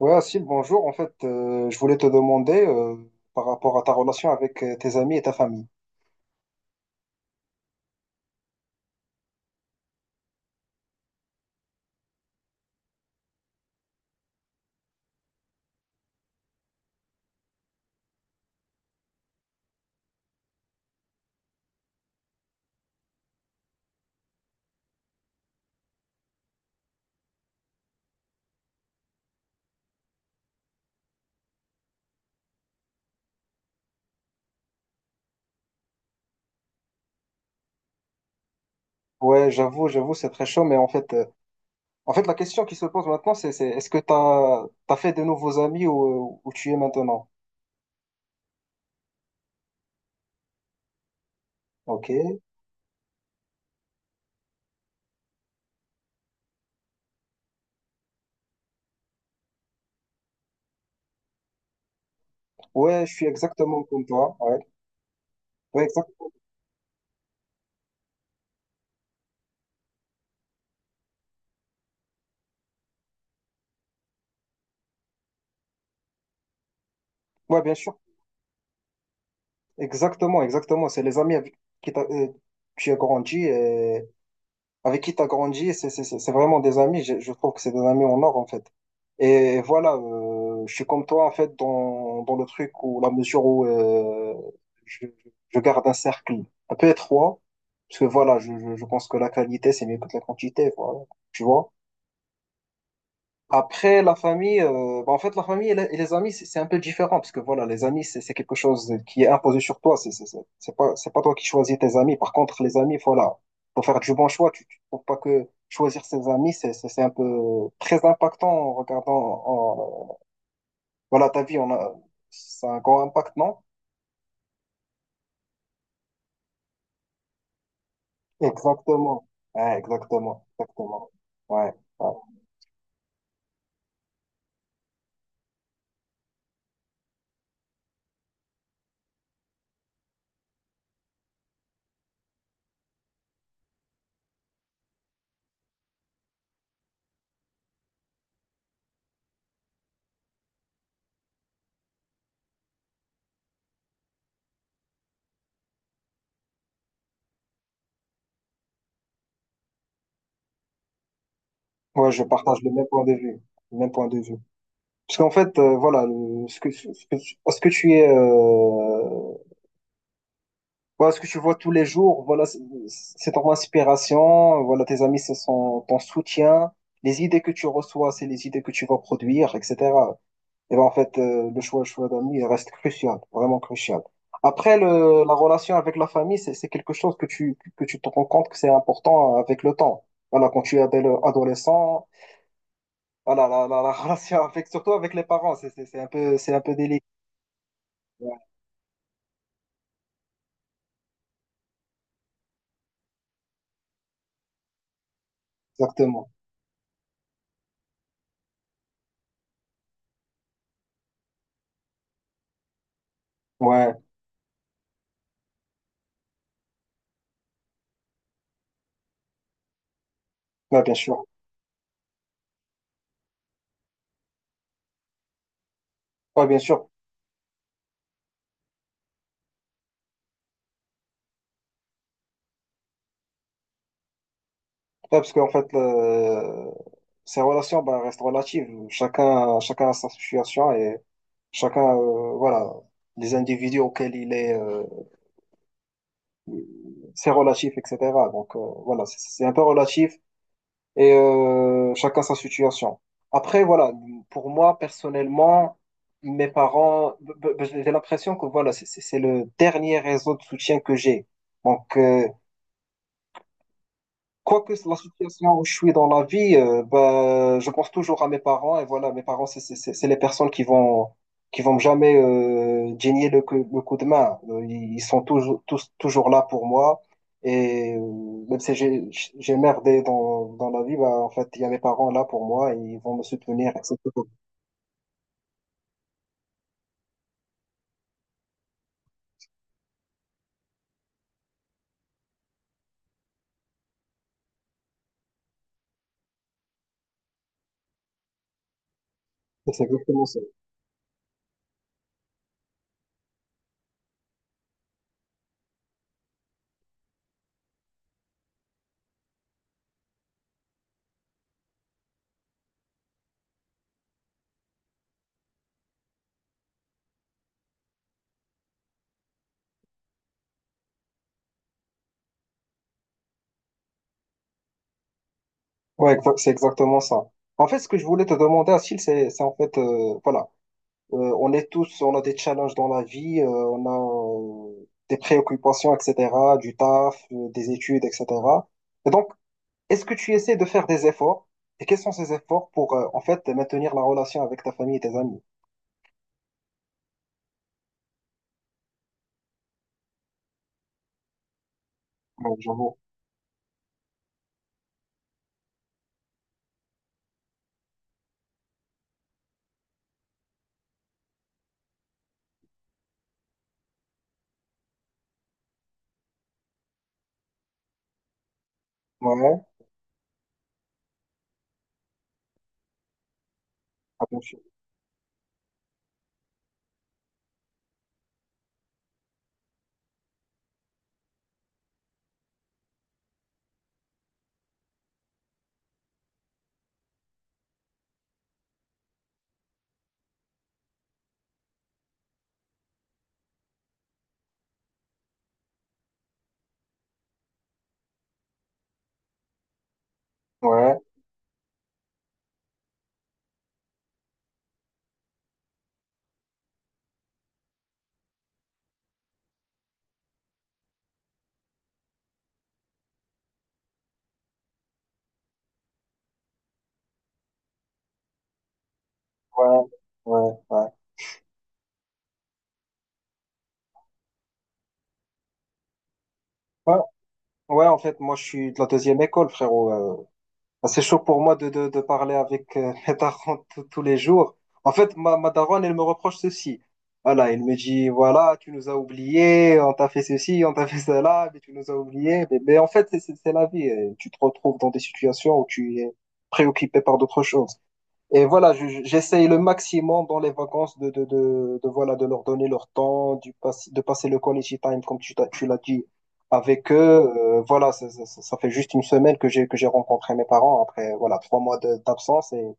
Ouais, Asile, bonjour. En fait, je voulais te demander par rapport à ta relation avec tes amis et ta famille. Ouais, j'avoue, j'avoue, c'est très chaud, mais en fait, la question qui se pose maintenant, c'est, est-ce que t'as fait de nouveaux amis où, où tu es maintenant? Ok. Ouais, je suis exactement comme toi. Ouais. Ouais, exact- ouais, bien sûr. Exactement, exactement. C'est les amis avec qui t'as- euh, tu as grandi. Avec qui tu as grandi, c'est vraiment des amis. Je trouve que c'est des amis en or, en fait. Et voilà, je suis comme toi, en fait, dans le truc où, la mesure où je, je garde un cercle un peu étroit, parce que voilà, je pense que la qualité, c'est mieux que la quantité, voilà, tu vois. Après, la famille, bah, en fait, la famille et et les amis, c'est un peu différent parce que voilà, les amis, c'est quelque chose qui est imposé sur toi. C'est pas, c'est pas toi qui choisis tes amis. Par contre, les amis, voilà, faut faire du bon choix. Tu faut pas que choisir ses amis, c'est un peu très impactant en regardant, en- voilà, ta vie, on a, c'est un grand impact, non? Exactement. Ouais, exactement, exactement. Ouais, ouais. Ouais, je partage le même point de vue, le même point de vue. Parce qu'en fait, voilà, ce que tu es, voilà, ce que tu vois tous les jours, voilà, c'est ton inspiration, voilà, tes amis, ce sont ton soutien, les idées que tu reçois, c'est les idées que tu vas produire, etc. Et ben, en fait, le choix d'amis, il reste crucial, vraiment crucial. Après, la relation avec la famille, c'est quelque chose que tu te rends compte que c'est important avec le temps. Voilà, quand tu es adolescent, voilà, la relation avec, surtout avec les parents, c'est un peu délicat. Exactement. Ouais, ouais, bien sûr. Ouais, bien sûr. Ouais, parce qu'en fait, ces relations bah, restent relatives. Chacun a sa situation et chacun, voilà, les individus auxquels il est, c'est relatif, etc. Donc, voilà, c'est un peu relatif et chacun sa situation. Après, voilà, pour moi, personnellement, mes parents, j'ai l'impression que voilà, c'est le dernier réseau de soutien que j'ai. Donc, quoique la situation où je suis dans la vie, bah, je pense toujours à mes parents. Et voilà, mes parents, c'est les personnes qui vont jamais gêner le coup de main. Ils sont toujours, tous, toujours là pour moi. Et même si j'ai merdé dans la vie, bah, en fait, il y a mes parents là pour moi et ils vont me soutenir, etc. C'est exactement ça. C'est exactement ça. En fait, ce que je voulais te demander, Achille, c'est en fait, voilà. On est tous, on a des challenges dans la vie, on a des préoccupations, etc., du taf, des études, etc. Et donc, est-ce que tu essaies de faire des efforts? Et quels sont ces efforts pour, en fait, maintenir la relation avec ta famille et tes amis? Ouais, j'avoue. Ouais, ah, bien sûr. Ouais, ouais, ouais, ouais. Ouais, ouais, en fait, moi, je suis de la deuxième école, frérot. C'est chaud pour moi de, de parler avec mes darons tous les jours. En fait, ma daronne, elle me reproche ceci. Voilà, elle me dit, voilà, tu nous as oubliés, on t'a fait ceci, on t'a fait cela, mais tu nous as oubliés. Mais en fait, c'est la vie. Tu te retrouves dans des situations où tu es préoccupé par d'autres choses. Et voilà, j'essaye le maximum dans les vacances voilà, de leur donner leur temps, de passer le quality time, comme tu l'as dit, avec eux. Voilà, ça fait juste une semaine que que j'ai rencontré mes parents après, voilà, trois mois d'absence et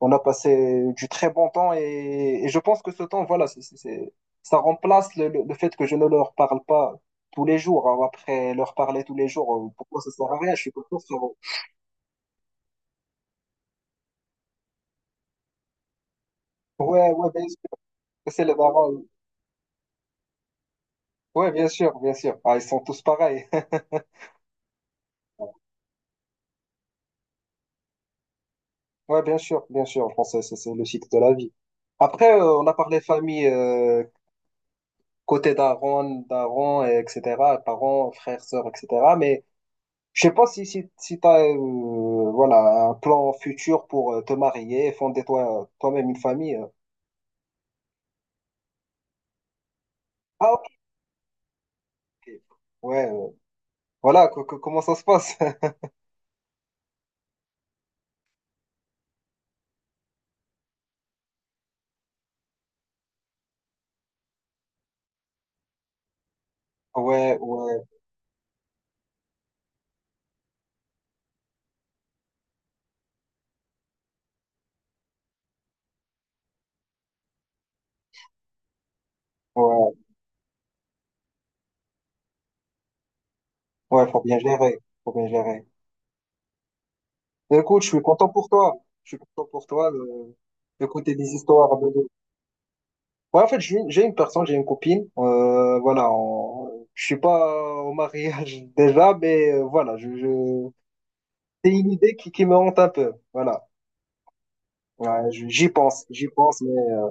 on a passé du très bon temps et je pense que ce temps, voilà, ça remplace le fait que je ne leur parle pas tous les jours. Hein. Après leur parler tous les jours, pourquoi ça sert à rien? Je suis pas sûr. Ouais, ouais, bien sûr, c'est les parents. Ouais, bien sûr, bien sûr. Ah, ils sont tous pareils. Ouais, bien sûr, bien sûr. En français, c'est le cycle de la vie. Après, on a parlé famille, côté daron, daron, et etc., parents, frères, sœurs, etc. Mais je sais pas si tu as voilà, un plan futur pour te marier, fonder toi, toi-même une famille. Euh. Ah, ok. Ouais, voilà, comment ça se passe? Ouais, ouais, ouais, faut bien gérer, faut bien gérer. Mais écoute, je suis content pour toi. Je suis content pour toi. Écouter des histoires. Ouais, en fait, j'ai une personne, j'ai une copine. Voilà, je suis pas au mariage déjà, mais voilà, je... c'est une idée qui me hante un peu. Voilà, ouais, j'y pense, mais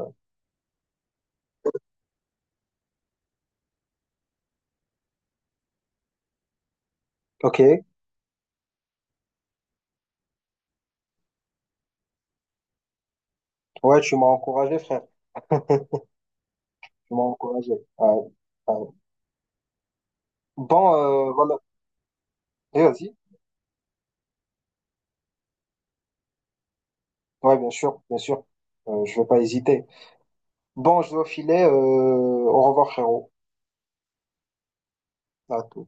ok. Ouais, tu m'as encouragé, frère. Tu m'as encouragé. Ouais, ouais. Bon, voilà. Et vas-y. Ouais, bien sûr, bien sûr. Je vais pas hésiter. Bon, je dois filer. Au revoir, frérot. À tout.